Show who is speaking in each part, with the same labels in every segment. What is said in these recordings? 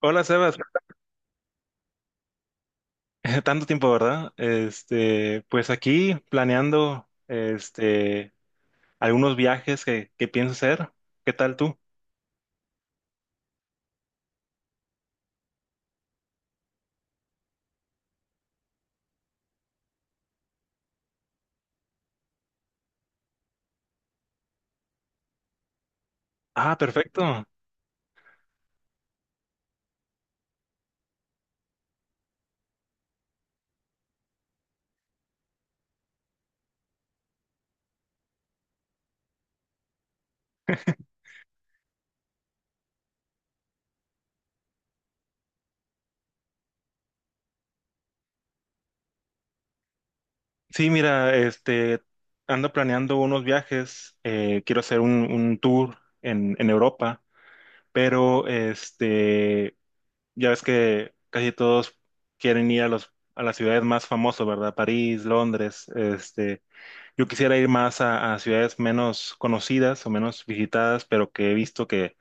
Speaker 1: Hola Sebas, tanto tiempo, ¿verdad? Pues aquí planeando algunos viajes que pienso hacer. ¿Qué tal tú? Ah, perfecto. Sí, mira, ando planeando unos viajes. Quiero hacer un tour en Europa, pero ya ves que casi todos quieren ir a los a las ciudades más famosas, ¿verdad? París, Londres, Yo quisiera ir más a ciudades menos conocidas o menos visitadas, pero que he visto que,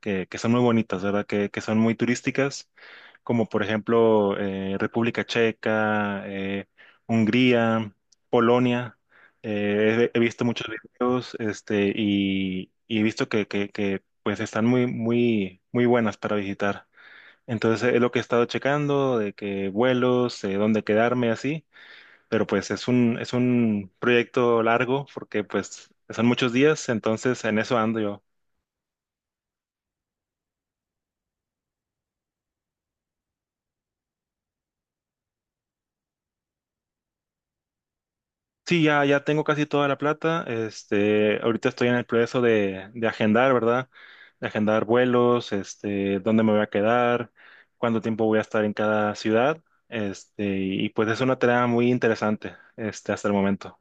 Speaker 1: que, que son muy bonitas, ¿verdad? Que son muy turísticas, como por ejemplo República Checa, Hungría, Polonia. He visto muchos videos, y he visto pues están muy buenas para visitar. Entonces es lo que he estado checando, de que vuelos, dónde quedarme, así. Pero pues es es un proyecto largo porque pues son muchos días, entonces en eso ando yo. Sí, ya tengo casi toda la plata, ahorita estoy en el proceso de agendar, ¿verdad? De agendar vuelos, dónde me voy a quedar, cuánto tiempo voy a estar en cada ciudad, y pues es una tarea muy interesante, hasta el momento.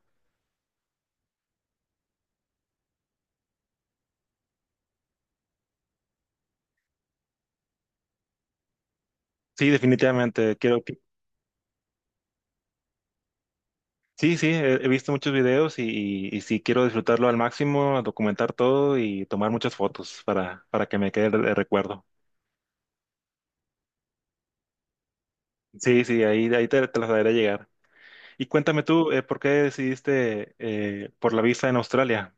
Speaker 1: Sí, definitivamente, quiero. Sí, sí, he visto muchos videos sí quiero disfrutarlo al máximo, documentar todo y tomar muchas fotos para que me quede el recuerdo. Sí, sí, ahí te las haré llegar. Y cuéntame tú, ¿por qué decidiste por la visa en Australia?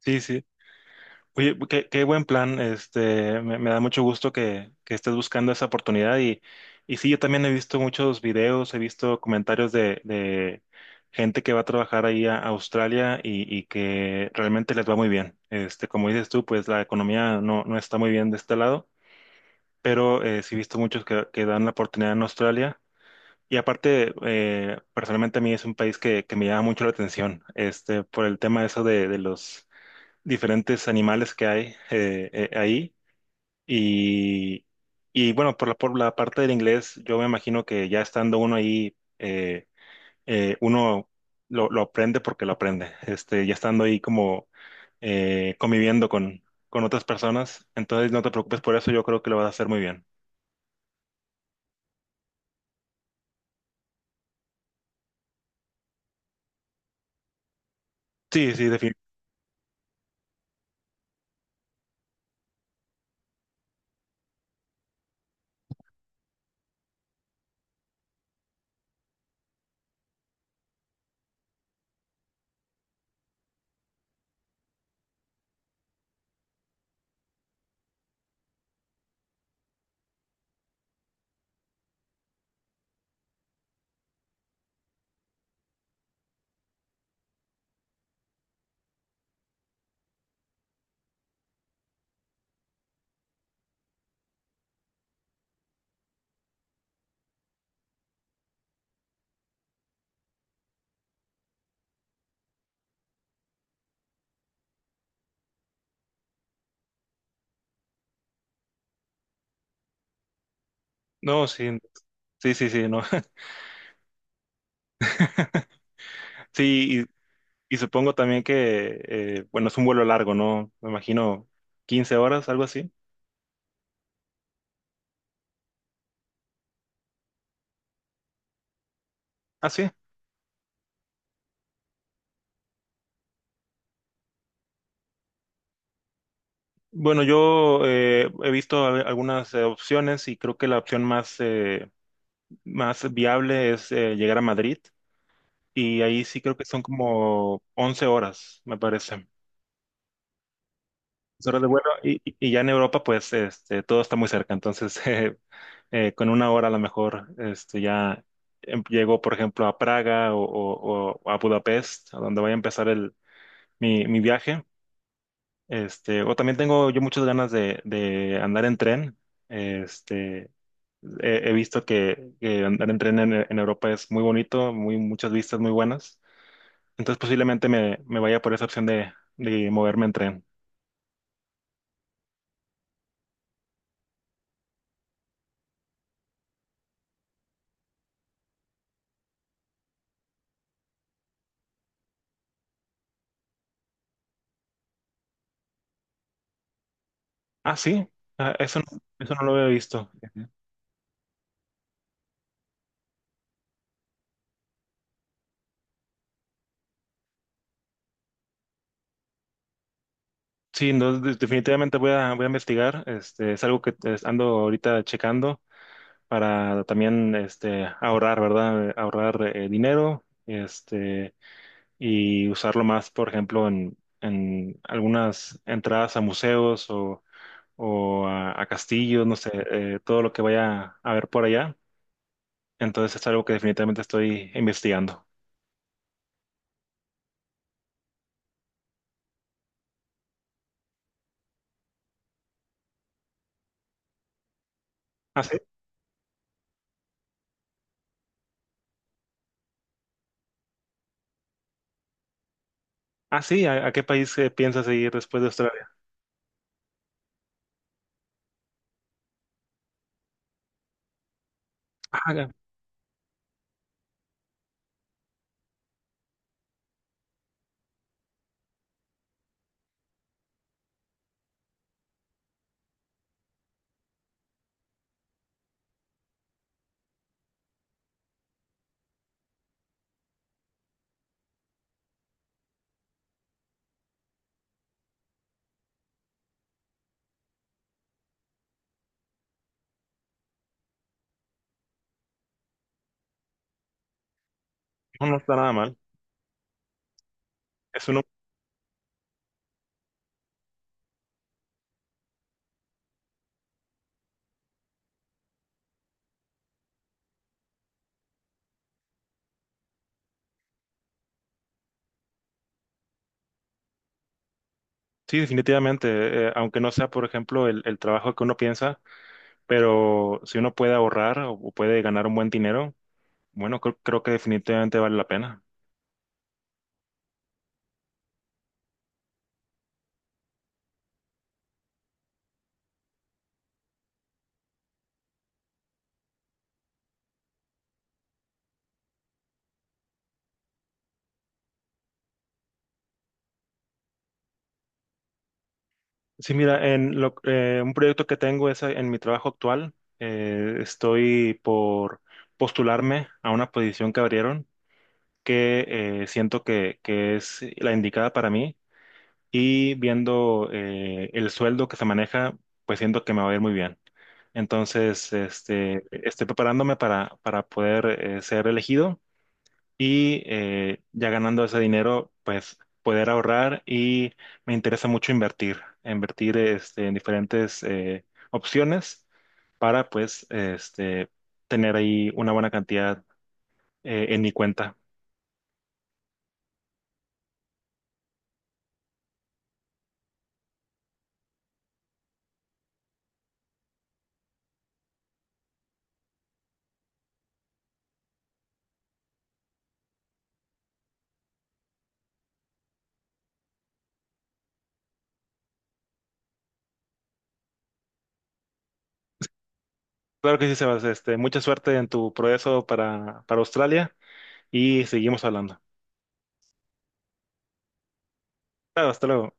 Speaker 1: Sí, sí. Oye, qué buen plan. Me da mucho gusto que estés buscando esa oportunidad. Y sí, yo también he visto muchos videos, he visto comentarios de gente que va a trabajar ahí a Australia y que realmente les va muy bien. Este, como dices tú, pues la economía no está muy bien de este lado, pero sí he visto muchos que dan la oportunidad en Australia. Y aparte, personalmente a mí es un país que me llama mucho la atención, este, por el tema eso de los diferentes animales que hay ahí. Y, y, bueno, por por la parte del inglés, yo me imagino que ya estando uno ahí, uno lo aprende porque lo aprende. Este, ya estando ahí como conviviendo con otras personas, entonces no te preocupes por eso, yo creo que lo vas a hacer muy bien. Sí, sí, definitivamente. No, sí, sí, sí, sí, no. Sí, y supongo también que, bueno, es un vuelo largo, ¿no? Me imagino 15 horas, algo así. Ah, sí. Bueno, yo he visto algunas opciones y creo que la opción más, más viable es llegar a Madrid y ahí sí creo que son como 11 horas, me parece. 11 horas de vuelo y, y ya en Europa pues este, todo está muy cerca, entonces con una hora a lo mejor este, ya llego por ejemplo a Praga o a Budapest, a donde voy a empezar el, mi viaje. Este, o también tengo yo muchas ganas de andar en tren. Este, he visto que andar en tren en Europa es muy bonito, muy, muchas vistas muy buenas. Entonces posiblemente me vaya por esa opción de moverme en tren. Ah, sí, ah, eso, eso no lo había visto. Ujú. Sí, no, definitivamente voy voy a investigar. Este, es algo que ando ahorita checando para también este, ahorrar, ¿verdad? Ahorrar dinero este, y usarlo más, por ejemplo, en algunas entradas a museos o a castillos, no sé, todo lo que vaya a ver por allá. Entonces es algo que definitivamente estoy investigando. Ah, sí. Ah, sí, a qué país piensas ir después de Australia? Ah, ya. No, no está nada mal. Es uno, sí, definitivamente, aunque no sea, por ejemplo, el trabajo que uno piensa, pero si uno puede ahorrar o puede ganar un buen dinero, bueno, creo que definitivamente vale la pena. Sí, mira, en un proyecto que tengo es en mi trabajo actual. Estoy por postularme a una posición que abrieron que siento que es la indicada para mí y viendo el sueldo que se maneja, pues siento que me va a ir muy bien. Entonces, estoy preparándome para poder ser elegido y ya ganando ese dinero, pues poder ahorrar y me interesa mucho invertir, invertir este, en diferentes opciones para pues este, tener ahí una buena cantidad en mi cuenta. Claro que sí, Sebas, este, mucha suerte en tu progreso para Australia y seguimos hablando. Claro, hasta luego.